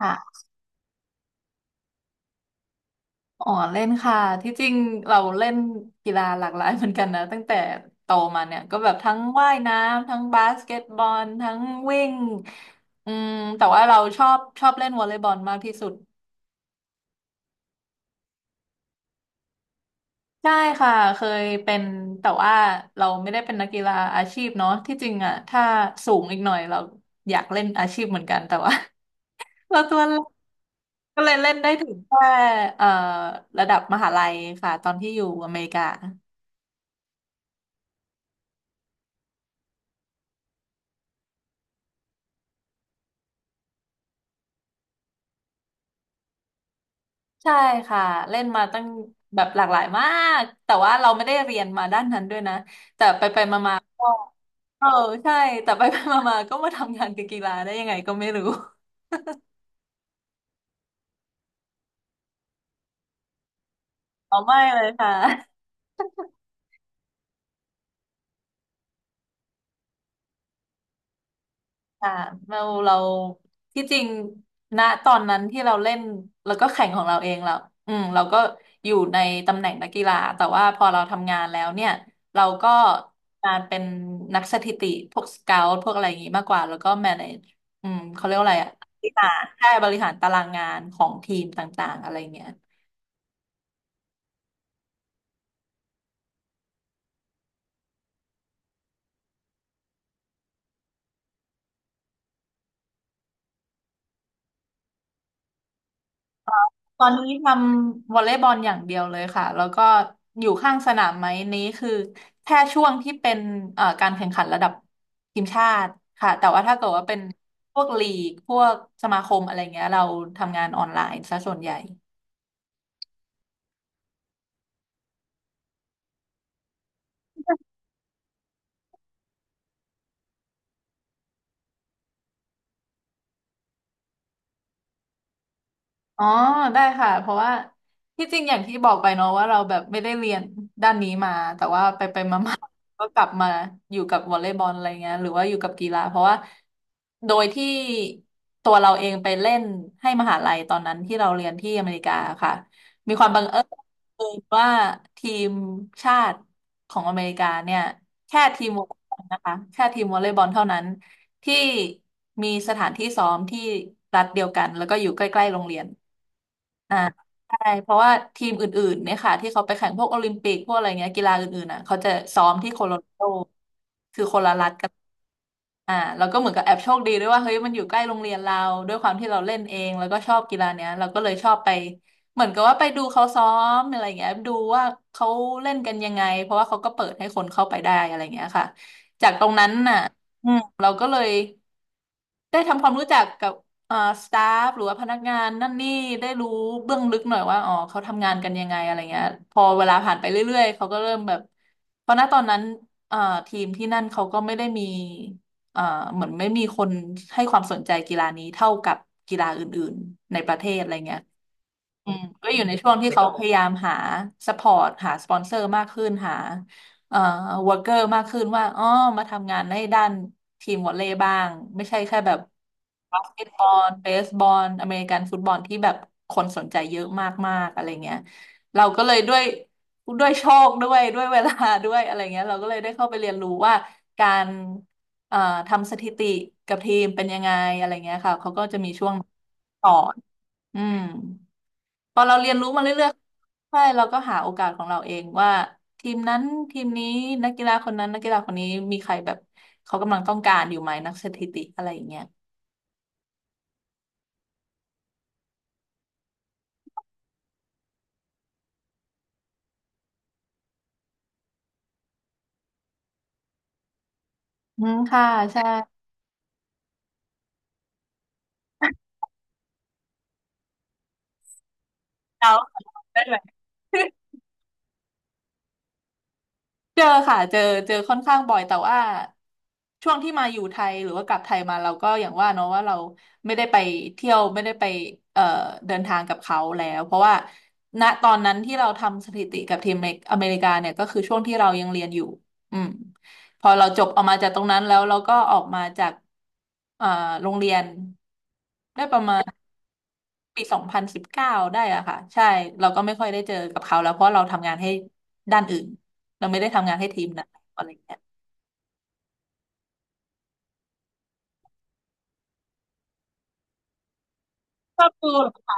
ค่ะอ๋อเล่นค่ะที่จริงเราเล่นกีฬาหลากหลายเหมือนกันนะตั้งแต่โตมาเนี่ยก็แบบทั้งว่ายน้ำทั้งบาสเกตบอลทั้งวิ่งอืมแต่ว่าเราชอบเล่นวอลเลย์บอลมากที่สุดใช่ค่ะเคยเป็นแต่ว่าเราไม่ได้เป็นนักกีฬาอาชีพเนาะที่จริงอ่ะถ้าสูงอีกหน่อยเราอยากเล่นอาชีพเหมือนกันแต่ว่า เราตัวเล็กก็เลยเล่นได้ถึงแค่เอ่อระดับมหาลัยค่ะตอนที่อยู่อเมริกา ใช่ค่ะเล่นมาตั้งแบบหลากหลายมากแต่ว่าเราไม่ได้เรียนมาด้านนั้นด้วยนะก็เออใช่แต่ไป ๆมาๆก็มาทำงานกับกีฬาได้ยังไงก็ไม่รู้อ๋อไม่เลยค่ะ ค่ะเราเราที่จริงณตอนนั้นที่เราเล่นแล้วก็แข่งของเราเองเราอืมเราก็อยู่ในตำแหน่งนักกีฬาแต่ว่าพอเราทำงานแล้วเนี่ยเราก็มาเป็นนักสถิติพวกสเกาต์พวกอะไรอย่างงี้มากกว่าแล้วก็แมเนจอืมเขาเรียกว่าอะไรอะบริหารแค่บริหารตารางงานของทีมต่างๆอะไรเงี้ย ตอนนี้ทำวอลเลย์บอลอย่างเดียวเลยค่ะแล้วก็อยู่ข้างสนามไหมนี้คือแค่ช่วงที่เป็นการแข่งขันระดับทีมชาติค่ะแต่ว่าถ้าเกิดว่าเป็นพวกลีกพวกสมาคมอะไรเงี้ยเราทำงานออนไลน์ซะส่วนใหญ่ อ๋อได้ค่ะเพราะว่าที่จริงอย่างที่บอกไปเนาะว่าเราแบบไม่ได้เรียนด้านนี้มาแต่ว่าไปไปมา มาก็กลับมาอยู่กับวอลเลย์บอลอะไรเงี้ยหรือว่าอยู่กับกีฬาเพราะว่าโดยที่ตัวเราเองไปเล่นให้มหาลัยตอนนั้นที่เราเรียนที่อเมริกาค่ะมีความบังเอิญว่าทีมชาติของอเมริกาเนี่ยแค่ทีมวอลเลย์บอลนะคะแค่ทีมวอลเลย์บอลเท่านั้นที่มีสถานที่ซ้อมที่รัฐเดียวกันแล้วก็อยู่ใกล้ๆโรงเรียน อ่าใช่เพราะว่าทีมอื่นๆเนี่ยค่ะที่เขาไปแข่งพวกโอลิมปิกพวกอะไรเงี้ยกีฬาอื่นๆอ่ะเขาจะซ้อมที่โคโลราโดคือคนละรัฐกันอ่าแล้วก็เหมือนกับแอบโชคดีด้วยว่าเฮ้ยมันอยู่ใกล้โรงเรียนเราด้วยความที่เราเล่นเองแล้วก็ชอบกีฬาเนี้ยเราก็เลยชอบไปเหมือนกับว่าไปดูเขาซ้อมอะไรเงี้ยดูว่าเขาเล่นกันยังไงเพราะว่าเขาก็เปิดให้คนเข้าไปได้อะไรเงี้ยค่ะจากตรงนั้นน่ะอืมเราก็เลย ได้ทำความรู้จักกับเอ่อสตาฟหรือว่าพนักงานนั่นนี่ได้รู้เบื้องลึกหน่อยว่าอ๋อเขาทำงานกันยังไงอะไรเงี้ยพอเวลาผ่านไปเรื่อยๆเขาก็เริ่มแบบเพราะณตอนนั้นเอ่อทีมที่นั่นเขาก็ไม่ได้มีเอ่อเหมือนไม่มีคนให้ความสนใจกีฬานี้เท่ากับกีฬาอื่นๆในประเทศอะไรเงี้ย อืมก็อยู่ในช่วงที่เขาพยายามหาสปอร์ตหาสปอนเซอร์มากขึ้นหาเอ่อวอร์เกอร์มากขึ้นว่าอ๋อมาทำงานในด้านทีมวอลเลย์บ้างไม่ใช่แค่แบบบาสเกตบอลเบสบอลอเมริกันฟุตบอลที่แบบคนสนใจเยอะมากๆอะไรเงี้ยเราก็เลยด้วยด้วยโชคด้วยด้วยเวลาด้วยอะไรเงี้ยเราก็เลยได้เข้าไปเรียนรู้ว่าการเอ่อทำสถิติกับทีมเป็นยังไงอะไรเงี้ยค่ะเขาก็จะมีช่วงสอนอืม พอเราเรียนรู้มาเรื่อยๆใช่เราก็หาโอกาสของเราเองว่าทีมนั้นทีมนี้นักกีฬาคนนั้นนักกีฬาคนนี้มีใครแบบเขากำลังต้องการอยู่ไหมนักสถิติอะไรอย่างเงี้ยอืมค่ะ ใช่เราได้ไหม เจอค่ะ เจอเจอค่อนข้างบ่อยแต่ว่าช่วงที่มาอยู่ไทยหรือว่ากลับไทยมาเราก็อย่างว่าเนาะว่าเราไม่ได้ไปเที่ยวไม่ได้ไปเอ่อเดินทางกับเขาแล้วเพราะว่าณตอนนั้นที่เราทำสถิติกับทีมอเมริกาเนี่ยก็คือช่วงที่เรายังเรียนอยู่อืมพอเราจบออกมาจากตรงนั้นแล้วเราก็ออกมาจากเอ่อโรงเรียนได้ประมาณ ปี2019ได้อะค่ะใช่เราก็ไม่ค่อยได้เจอกับเขาแล้วเพราะเราทำงานให้ด้านอื่นเราไม่ได้ทำงานให้ทีมนะอะไรอย่างเงี้ยชอบดูเหรอ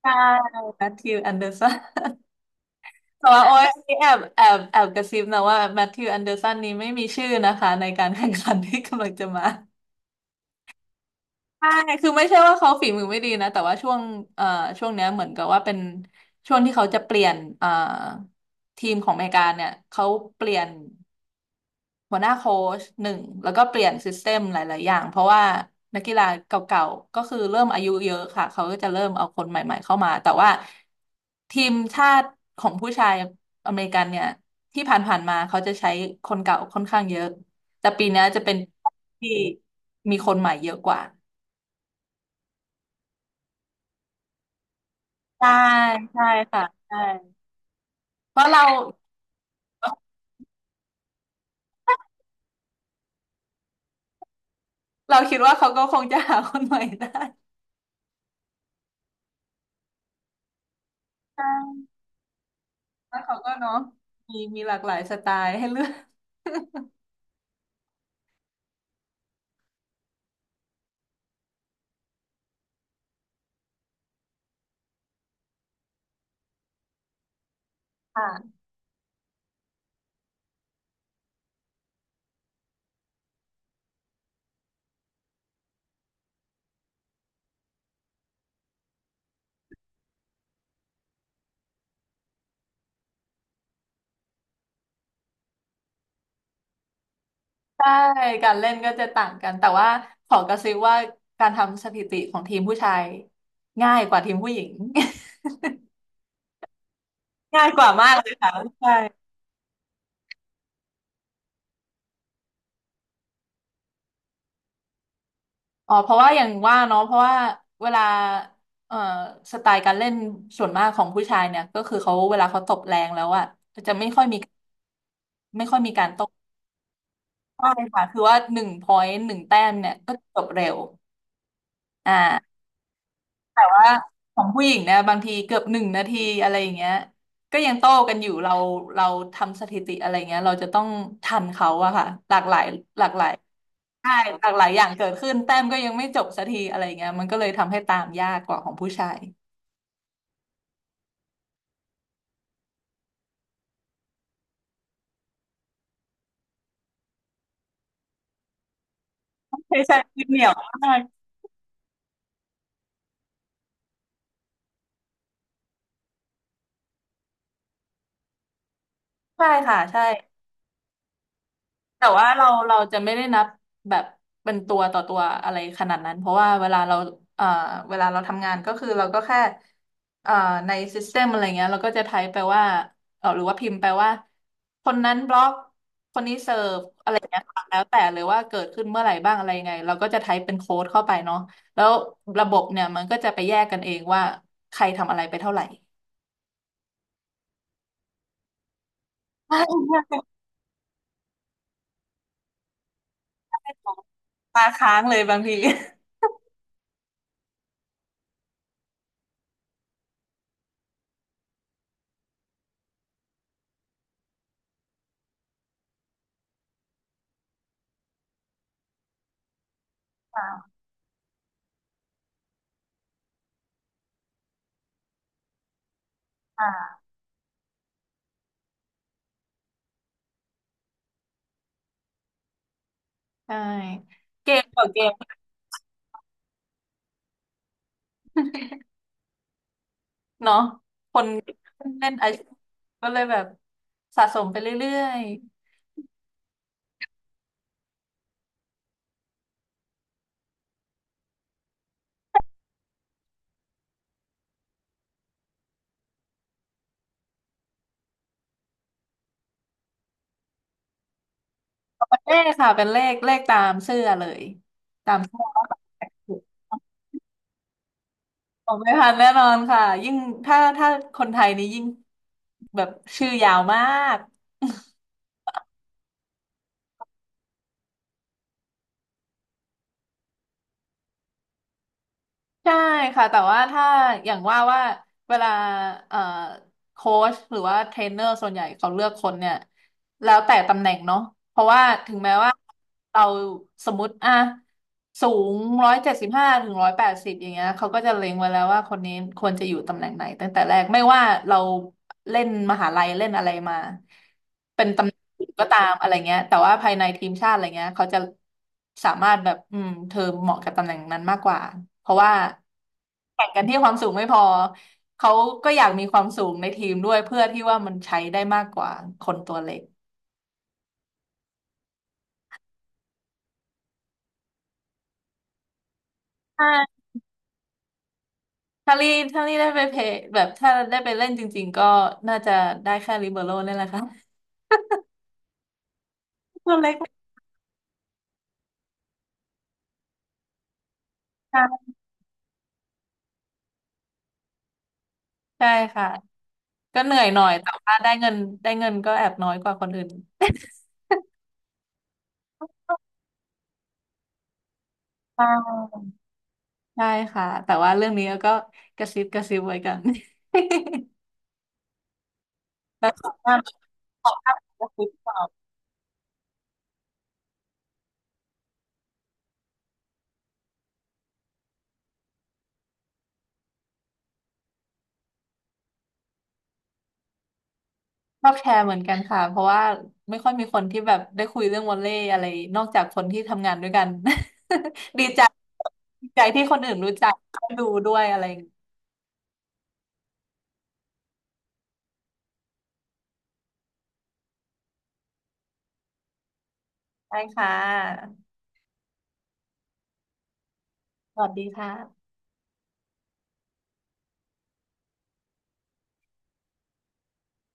ใช่แมทธิว แอนเดอร์สันแต่ว่าโอ้ยอันนี้แอบกระซิบนะว่าแมทธิวแอนเดอร์สันนี้ไม่มีชื่อนะคะในการแข่งขันที่กำลังจะมาใช่คือไม่ใช่ว่าเขาฝีมือไม่ดีนะแต่ว่าช่วงเอ่อช่วงเนี้ยเหมือนกับว่าเป็นช่วงที่เขาจะเปลี่ยนทีมของอเมริกาเนี่ยเขาเปลี่ยน หัวหน้าโค้ชหนึ่งแล้วก็เปลี่ยนซิสเต็มหลาย ๆ อย่างเพราะว่านักกีฬาเก่าๆก็คือเริ่มอายุเยอะค่ะเขาก็จะเริ่มเอาคนใหม่ ๆ เข้ามาแต่ว่าทีมชาติของผู้ชายอเมริกันเนี่ยที่ผ่าน ๆ มาเขาจะใช้คนเก่าค่อนข้างเยอะแต่ปีเนี้ยจะเป็นที่มีคนใหม่เยอะกว่าใช่ใช่ค่ะใช่เพราะเราคิดว่าเขาก็คงจะหาคนใหม่ได้ใช่แล้วเขาก็เนาะมีหลากหลายสไตล์ให้เลือกค่ะ ใช่การเล่นก็จะต่างกัน แต่ว่าขอกระซิบว่าการทำสถิติของทีมผู้ชายง่ายกว่าทีมผู้หญิง ง่ายกว่ามากเลยอ๋อเพราะว่าอย่างว่าเนาะเพราะว่าเวลาเอ่อสไตล์การเล่นส่วนมากของผู้ชายเนี่ยก็คือเขาเวลาเขาตบแรงแล้วอะใช่ค่ะคือว่า1 พอยต์ 1 แต้มเนี่ยก็จบเร็วอ่า ว่าของผู้หญิงเนี่ยบางทีเกือบ1 นาทีอะไรอย่างเงี้ยก็ยังโต้กันอยู่เราทำสถิติอะไรเงี้ยเราจะต้องทันเขาอะค่ะหลากหลายหลากหลายใช่หลากหลายอย่างเกิดขึ้นแต้มก็ยังไม่จบสักทีอะไรเงี้ยมันก็เลยทำให้ตามยากกว่าของผู้ชาย ใช่ใช่คือเหนียวมากใช่ค่ะใช่ แต่ว่าเราจะไม่ได้นับแบบเป็นตัวต่อตัวอะไรขนาดนั้นเพราะว่าเวลาเราเอ่อเวลาเราทำงานก็คือเราก็แค่เอ่อในซิสเต็มอะไรเงี้ยเราก็จะไทป์ไปว่าเออหรือว่าพิมพ์ไปว่าคนนั้นบล็อกคนนี้เสิร์ฟอะไรเงี้ยค่ะแล้วแต่เลยว่าเกิดขึ้นเมื่อไหร่บ้างอะไรยังไงเราก็จะไทป์เป็นโค้ดเข้าไปเนาะแล้วระบบเนี่ยมันก็จะไปแยกกันเองว่าใครทำอะไรไปเท่าไหร่ ตาค้างเลยบางที อ่าอ่าใช่เกมต่อเก เนาะคนเล่นไอซ์ก็เลยแบบสะสมไปเรื่อยๆเป็นเลขค่ะเป็นเลขเลขตามเสื้อเลยตามเสื้อผมไม่ทันแน่นอนค่ะยิ่งถ้าคนไทยนี่ยิ่งแบบชื่อยาวมาก ใช่ค่ะแต่ว่าถ้าอย่างว่าว่าเวลาเอ่อโค้ชหรือว่าเทรนเนอร์ส่วนใหญ่เขาเลือกคนเนี่ย แล้วแต่ตำแหน่งเนาะเพราะว่าถึงแม้ว่าเราสมมติอ่ะสูง175 ถึง 180อย่างเงี้ยเขาก็จะเล็งไว้แล้วว่าคนนี้ควรจะอยู่ตำแหน่งไหนตั้งแต่แรกไม่ว่าเราเล่นมหาลัยเล่นอะไรมาเป็นตำแหน่งอื่นก็ตามอะไรเงี้ยแต่ว่าภายในทีมชาติอะไรเงี้ยเขาจะสามารถแบบอืมเธอเหมาะกับตำแหน่งนั้นมากกว่าเพราะว่าแข่งกันที่ความสูงไม่พอเขาก็อยากมีความสูงในทีมด้วยเพื่อที่ว่ามันใช้ได้มากกว่าคนตัวเล็ก ถ้าถ้าลี่ถ้าลี่ได้ไปเพลย์แบบถ้าได้ไปเล่นจริงๆก็น่าจะได้แค่ลิเบโร่นี่แหละค่ะตัวเล็กมากใช่ค่ะก็เหนื่อยหน่อยแต่ว่าได้เงินได้เงินก็แอบน้อยกว่าคนอื่นใช่ใช่ค่ะแต่ว่าเรื่องนี้ก็กระซิบกระซิบไว้กัน แล้ว ขอบกระซิบตอบชอบแชร์เหมือนกันค่ะเพราะว่าไม่ค่อยมีคนที่แบบได้คุยเรื่องวอลเลย์อะไรนอกจากคนที่ทำงานด้วยกัน ดีใจดีใจที่คนอื่นรู้จักได้ดูด้วยอะไร ได้ค่ะสวัสดีค่ะ